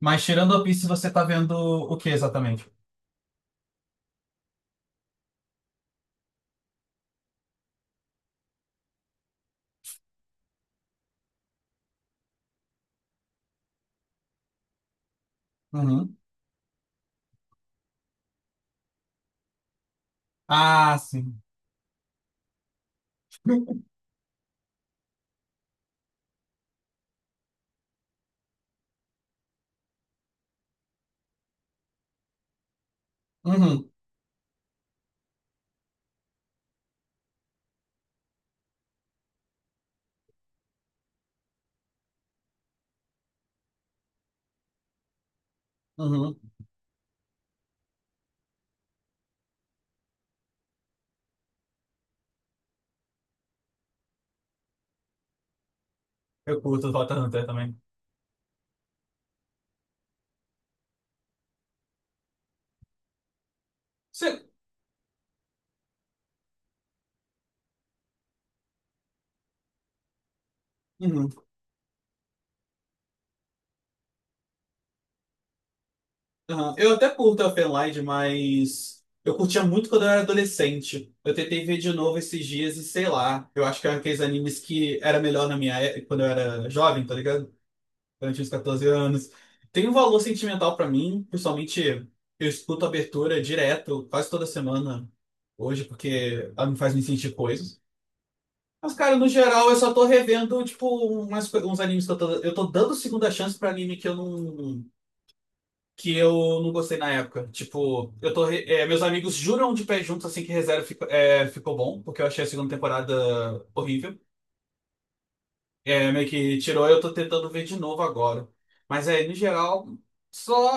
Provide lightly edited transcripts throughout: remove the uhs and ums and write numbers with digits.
Mas tirando One Piece, você tá vendo o que exatamente? Uhum. Ah, sim. Uhum. Uhum. Eu curto o Hunter x Hunter também. Você... Uhum. Aham. Eu até curto Elfen Lied, mas eu curtia muito quando eu era adolescente. Eu tentei ver de novo esses dias e sei lá. Eu acho que era aqueles animes que era melhor na minha época, quando eu era jovem, tá ligado? Durante os 14 anos. Tem um valor sentimental pra mim, principalmente eu escuto a abertura direto, quase toda semana hoje, porque ela me faz me sentir coisas. Mas, cara, no geral, eu só tô revendo, tipo, umas, uns animes que eu tô dando segunda chance pra anime que eu não gostei na época. Tipo, eu tô, meus amigos juram de pé juntos assim que ReZero ficou, ficou bom, porque eu achei a segunda temporada horrível. É, meio que tirou, eu tô tentando ver de novo agora. Mas é, no geral, só.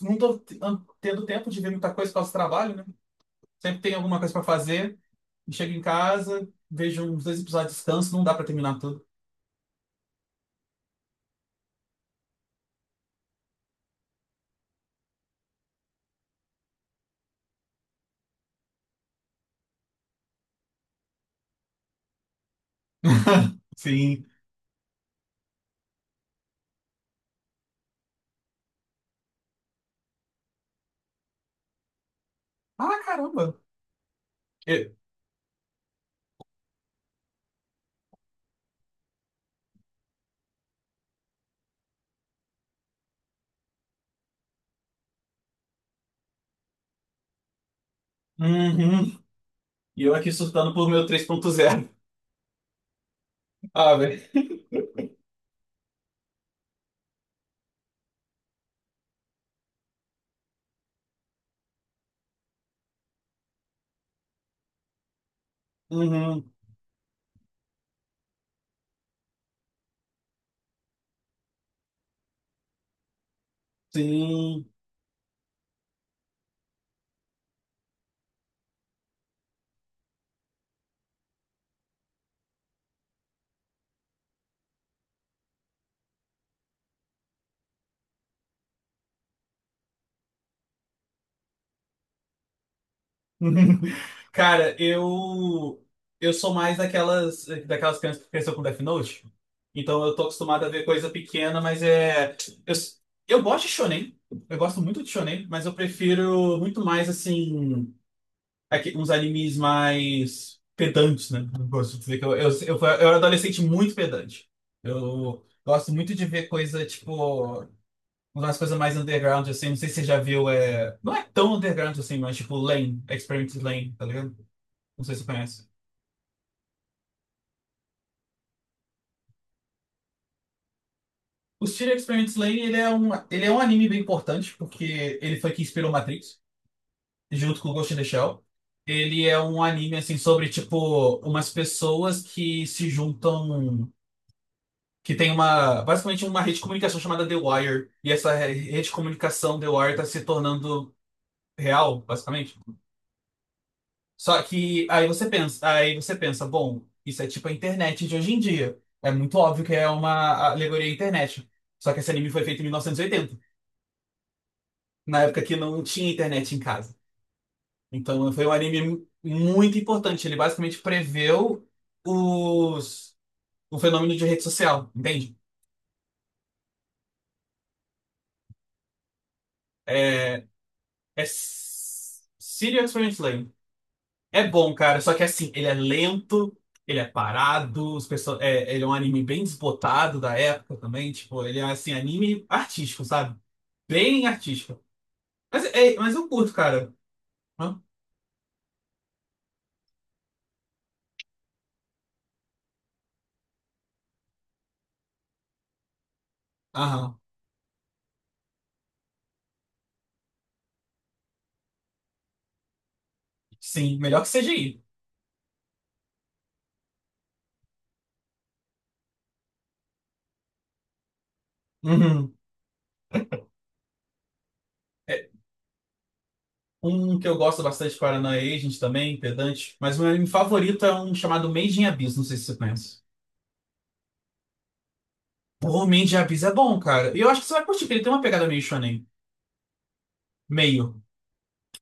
Não tô tendo tempo de ver muita coisa por causa do trabalho, né? Sempre tem alguma coisa pra fazer, e chego em casa, vejo uns dois episódios de descanso, não dá pra terminar tudo. Sim. Ah, caramba! Eu- Uhum. E eu aqui surtando por meu três ponto zero. Ah, velho. Uhum. Sim. Cara, eu sou mais daquelas crianças que cresceu com Death Note. Então eu tô acostumado a ver coisa pequena, mas é eu, eu gosto de shonen. Eu gosto muito de shonen, mas eu prefiro muito mais assim uns animes mais pedantes, né? Eu gosto de dizer que eu era adolescente muito pedante. Eu gosto muito de ver coisa tipo umas coisas mais underground, assim, não sei se você já viu, não é tão underground assim, mas tipo Lane, Experience Lane, tá ligado? Não sei se você conhece. O Studio Experience Lane, ele é um anime bem importante, porque ele foi que inspirou Matrix, junto com Ghost in the Shell. Ele é um anime, assim, sobre, tipo, umas pessoas que se juntam, que tem uma, basicamente uma rede de comunicação chamada The Wire, e essa rede de comunicação The Wire tá se tornando real, basicamente. Só que aí você pensa, bom, isso é tipo a internet de hoje em dia. É muito óbvio que é uma alegoria à internet. Só que esse anime foi feito em 1980, na época que não tinha internet em casa. Então foi um anime muito importante. Ele basicamente preveu os, o fenômeno de rede social, entende? É, Serial Experiment Lane. É bom, cara, só que assim, ele é lento, ele é parado, os ele é um anime bem desbotado da época também, tipo, ele é assim, anime artístico, sabe? Bem artístico. Mas eu curto, cara. Hã? Aham. Sim, melhor que CGI. Uhum. É, um que eu gosto bastante, Paraná Agent também, Pedante, mas o meu anime favorito é um chamado Made in Abyss, não sei se você conhece. Pô, Made in Abyss é bom, cara. E eu acho que você vai curtir, porque ele tem uma pegada meio shonen. Meio.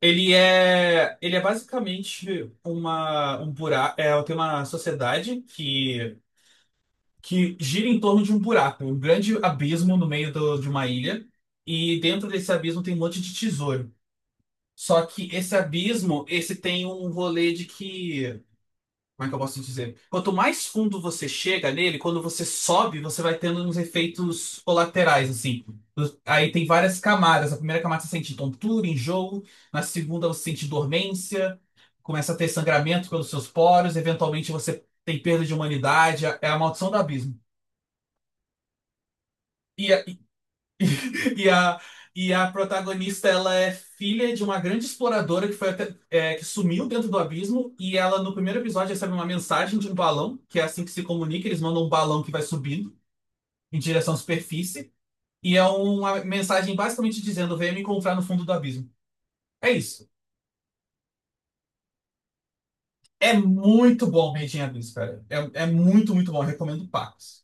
Ele é basicamente uma, um buraco, é, tem uma sociedade que gira em torno de um buraco, um grande abismo no de uma ilha, e dentro desse abismo tem um monte de tesouro. Só que esse abismo, esse tem um rolê de que como é que eu posso te dizer? Quanto mais fundo você chega nele, quando você sobe, você vai tendo uns efeitos colaterais, assim. Aí tem várias camadas. A primeira camada você sente tontura, enjoo. Na segunda você sente dormência. Começa a ter sangramento pelos seus poros. Eventualmente você tem perda de humanidade. É a maldição do abismo. E, E a, e a protagonista, ela é filha de uma grande exploradora que foi que sumiu dentro do abismo, e ela no primeiro episódio recebe uma mensagem de um balão, que é assim que se comunica, eles mandam um balão que vai subindo em direção à superfície, e é uma mensagem basicamente dizendo venha me encontrar no fundo do abismo. É isso. É muito bom Rei de Abismo, cara. É, é muito, muito bom. Eu recomendo Pacos.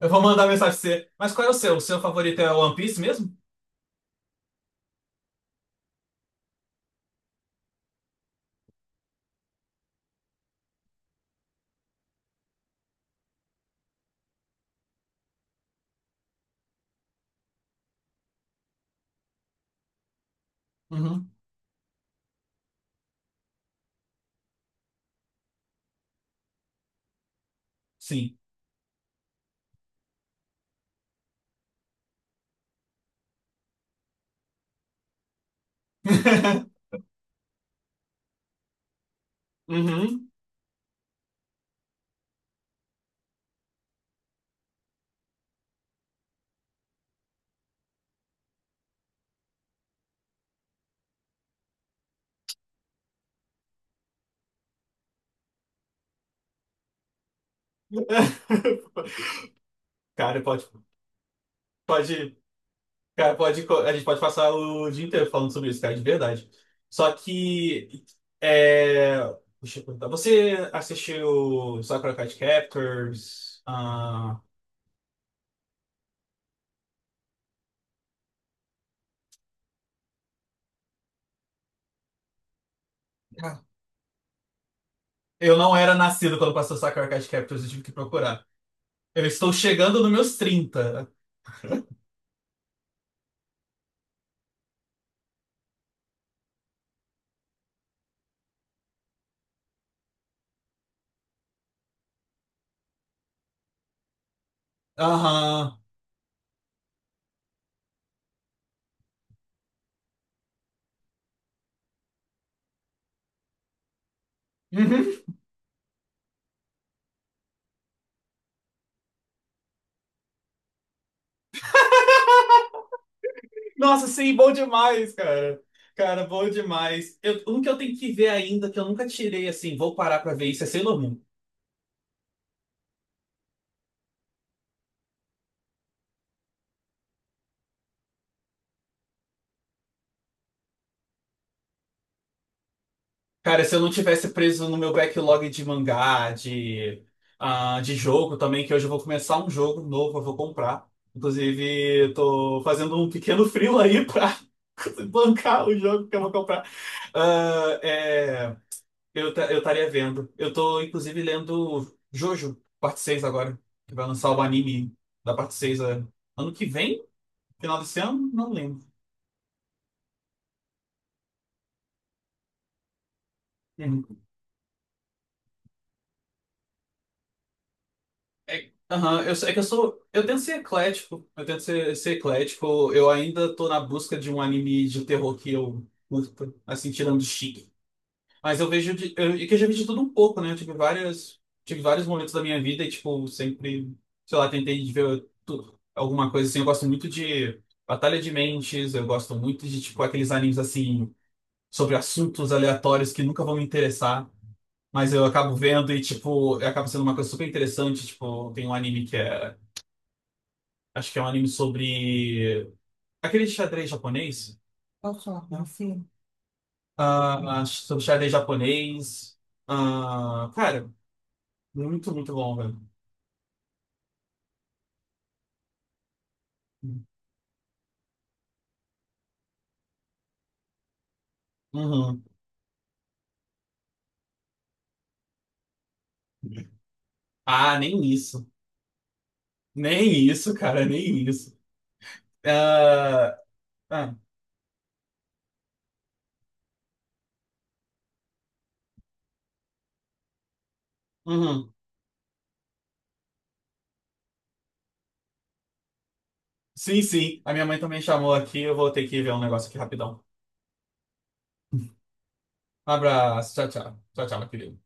Eu vou mandar mensagem pra você. Mas qual é o seu? O seu favorito é One Piece mesmo? Uhum. Sim. Uhum. Cara, pode, pode. Cara, pode, a gente pode passar o dia inteiro falando sobre isso, cara, de verdade. Só que. É... Deixa eu perguntar. Você assistiu Sakura Card Captors? Ah, eu não era nascido quando passou Sakura Card Captors, eu tive que procurar. Eu estou chegando nos meus trinta. Aham. Uhum. Nossa, sim, bom demais, cara. Cara, bom demais. Eu, um que eu tenho que ver ainda, que eu nunca tirei, assim, vou parar pra ver isso, é Sailor Moon. Cara, se eu não tivesse preso no meu backlog de mangá, de, ah, de jogo também, que hoje eu vou começar um jogo novo, eu vou comprar. Inclusive, eu tô fazendo um pequeno freela aí pra bancar o jogo que eu vou comprar. Ah, é. Eu eu estaria vendo. Eu tô, inclusive, lendo Jojo, parte 6 agora. Que vai lançar o anime da parte 6 é, ano que vem? Final desse ano? Não lembro. Uhum. É, aham, é que eu sou. Eu tento ser eclético. Eu tento ser, ser eclético. Eu ainda tô na busca de um anime de terror que eu curta, assim, tirando Chique. Mas eu vejo de, eu, é que eu já vi de tudo um pouco, né? Eu tive várias, tive vários momentos da minha vida e, tipo, sempre, sei lá, tentei de ver alguma coisa assim. Eu gosto muito de Batalha de Mentes, eu gosto muito de, tipo, aqueles animes assim, sobre assuntos aleatórios que nunca vão me interessar, mas eu acabo vendo e, tipo, acaba sendo uma coisa super interessante. Tipo, tem um anime que é, acho que é um anime sobre aquele xadrez japonês. Posso falar com você? Ah, sobre xadrez japonês. Ah, cara. Muito, muito bom, velho. Uhum. Ah, nem isso. Nem isso, cara, nem isso. Ah, ah, uhum. Sim, sim. A minha mãe também chamou aqui. Eu vou ter que ver um negócio aqui rapidão. Um abraço. Tchau, tchau. Tchau, tchau, meu querido.